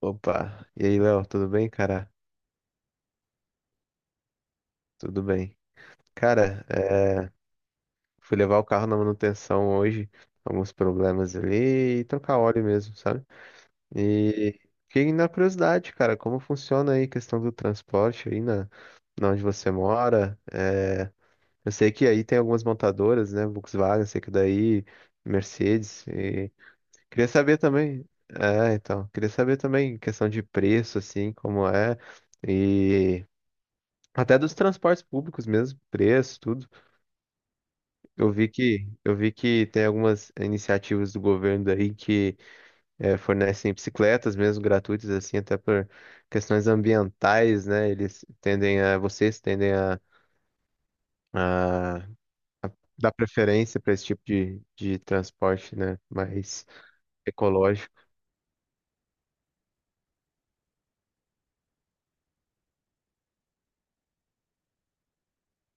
Opa, e aí, Léo, tudo bem, cara? Tudo bem. Cara, é, fui levar o carro na manutenção hoje, alguns problemas ali, e trocar óleo mesmo, sabe? E fiquei na curiosidade, cara, como funciona aí a questão do transporte na onde você mora? Eu sei que aí tem algumas montadoras, né? Volkswagen, sei que daí, Mercedes, e queria saber também. Então, queria saber também questão de preço, assim, como é. E até dos transportes públicos mesmo, preço, tudo. Eu vi que tem algumas iniciativas do governo aí que fornecem bicicletas mesmo gratuitas assim, até por questões ambientais, né? Eles tendem a vocês tendem a dar preferência para esse tipo de transporte, né? Mais ecológico.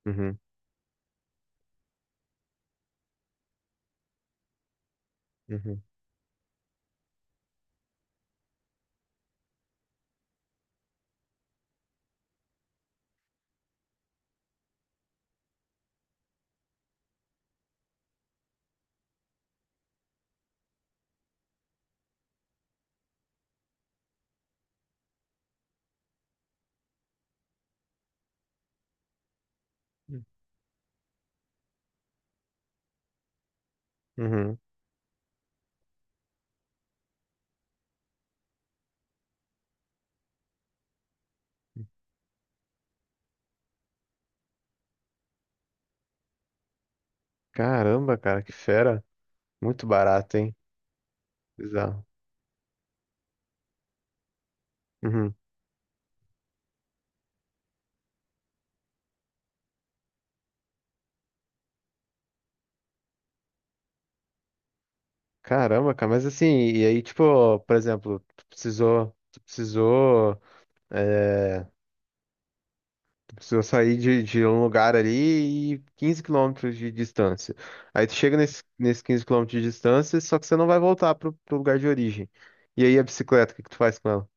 Uhum, uhum, uhum. Caramba, cara, que fera! Muito barato, hein? Bizarro. Uhum. Caramba, cara, mas assim, e aí, tipo, por exemplo, é, tu precisou sair de um lugar ali e 15 km de distância. Aí tu chega nesse 15 km de distância, só que você não vai voltar pro lugar de origem. E aí a bicicleta, o que que tu faz com ela?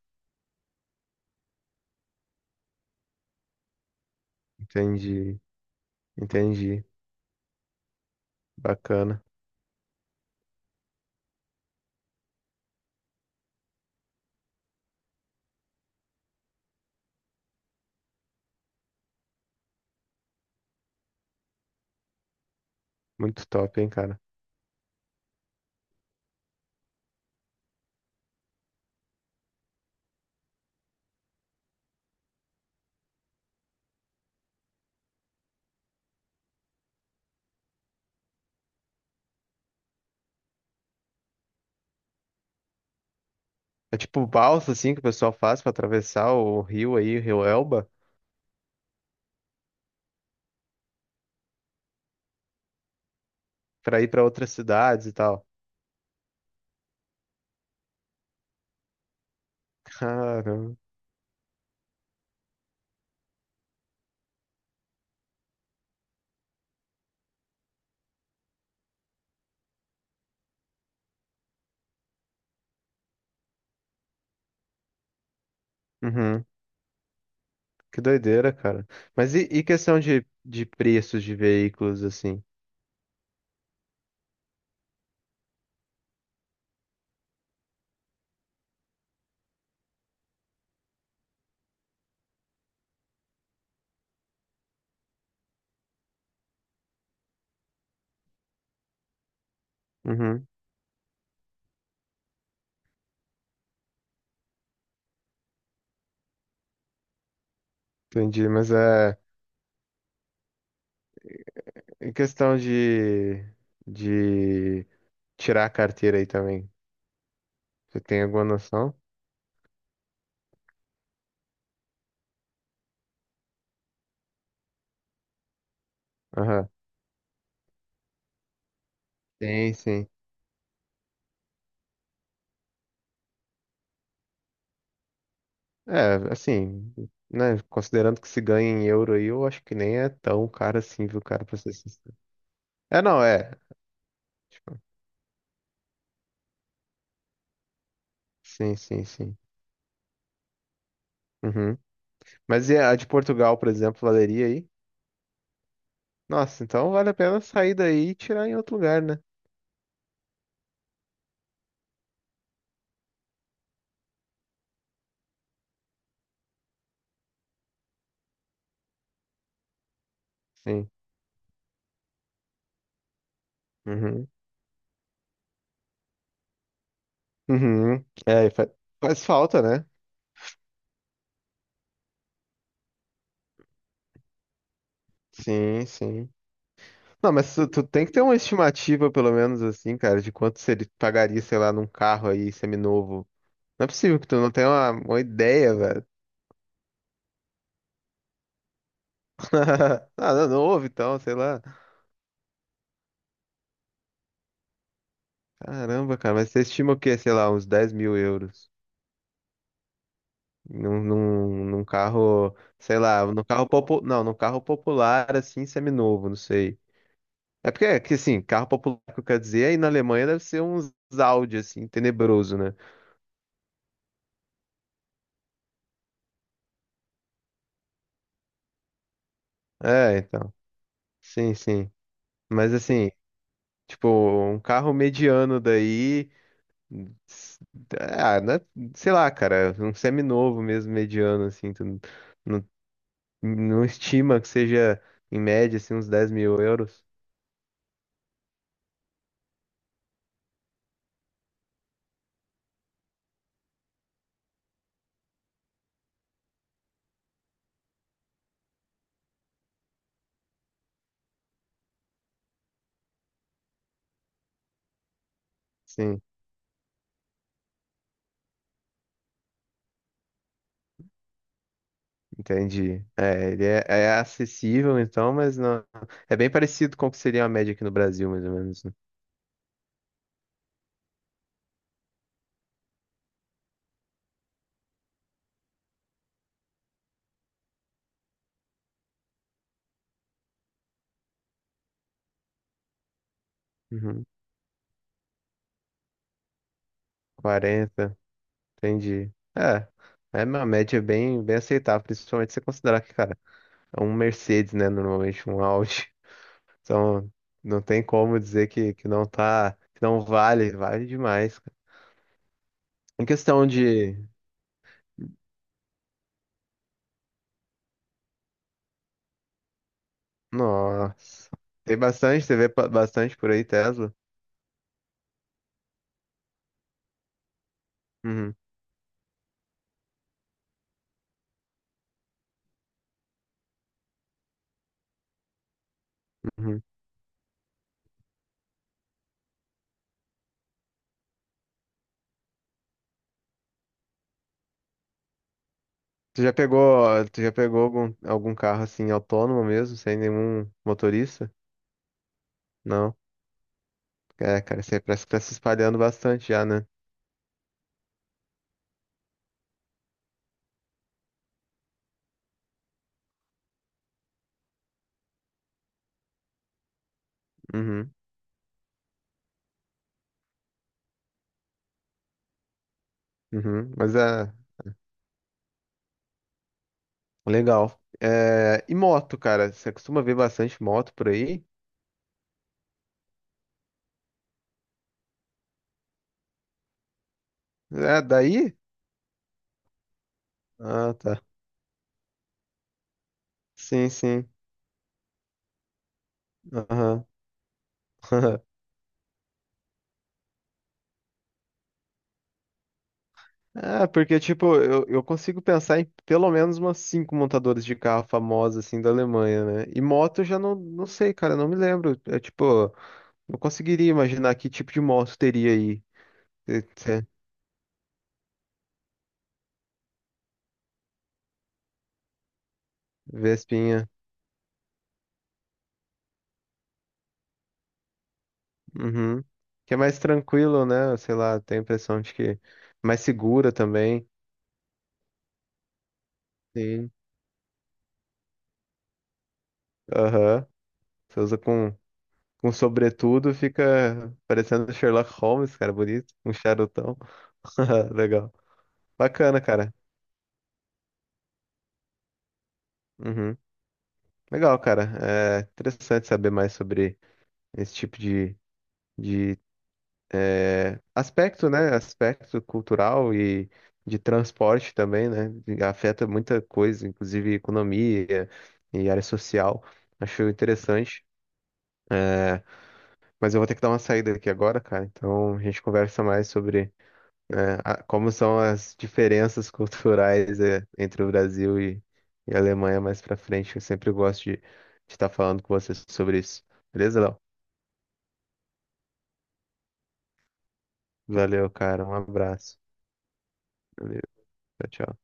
Entendi, entendi. Bacana. Muito top, hein, cara. É tipo balsa, assim, que o pessoal faz pra atravessar o rio aí, o rio Elba, pra ir pra outras cidades e tal. Caramba. Uhum. Que doideira, cara. Mas e questão de preços de veículos, assim? Uhum, entendi. Mas é em questão de tirar a carteira aí também. Você tem alguma noção? Aham. Tem, sim. É, assim, né? Considerando que se ganha em euro aí, eu acho que nem é tão caro assim, viu, cara, pra ser sincero. É, não, é. Tipo, sim, sim, sim. Uhum. Mas e a de Portugal, por exemplo, valeria aí? Nossa, então vale a pena sair daí e tirar em outro lugar, né? Sim. Uhum. Uhum. É, faz falta, né? Sim, sim. Não, mas tu tem que ter uma estimativa, pelo menos assim, cara, de quanto se ele pagaria, sei lá, num carro aí seminovo. Não é possível que tu não tenha uma ideia, velho. Ah, não, novo então, sei lá. Caramba, cara, mas você estima o quê? Sei lá, uns 10 mil euros. Num carro, sei lá, num carro popular. Não, num carro popular, assim, seminovo, não sei. É que assim, carro popular que eu quero dizer, aí na Alemanha deve ser uns Audi, assim, tenebroso, né? É, então. Sim, sim. Mas assim, tipo, um carro mediano daí. s- Ah, né? Sei lá, cara, um seminovo mesmo, mediano, assim. Tu n- não, não estima que seja, em média, assim, uns 10 mil euros. Sim, entendi. É, é acessível, então, mas não. É bem parecido com o que seria a média aqui no Brasil, mais ou menos, né? Uhum. 40. Entendi. É, é uma média bem, bem aceitável, principalmente se você considerar que, cara, é um Mercedes, né? Normalmente um Audi. Então, não tem como dizer que, que não vale, vale demais, cara. Em questão de. Nossa. Tem bastante, você vê bastante por aí, Tesla. Uhum, uhum. Tu já pegou, tu já pegou algum, algum carro assim autônomo mesmo, sem nenhum motorista? Não. É, cara, isso aí parece que tá se espalhando bastante já, né? Uhum, uhum. Mas é. Legal. É, e moto, cara? Você costuma ver bastante moto por aí? É, daí? Ah, tá. Sim, sim. Aham. Ah, porque, tipo, eu consigo pensar em pelo menos umas 5 montadoras de carro famosas, assim, da Alemanha, né? E moto eu já não sei, cara, não me lembro. É, tipo, não conseguiria imaginar que tipo de moto teria aí. Eh, eh, Vespinha. Uhum. Que é mais tranquilo, né? Sei lá, tenho a impressão de que mais segura também. Sim. Aham. Você usa com sobretudo, fica parecendo Sherlock Holmes, cara, bonito. Um charutão. Legal. Bacana, cara. Uhum. Legal, cara. É interessante saber mais sobre esse tipo de aspecto, né? Aspecto cultural e de transporte também, né? E afeta muita coisa, inclusive economia e área social. Acho interessante. É, mas eu vou ter que dar uma saída aqui agora, cara. Então a gente conversa mais sobre. Como são as diferenças culturais entre o Brasil e a Alemanha mais pra frente. Eu sempre gosto de estar falando com vocês sobre isso. Beleza, Léo? Valeu, cara. Um abraço. Valeu. Tchau, tchau.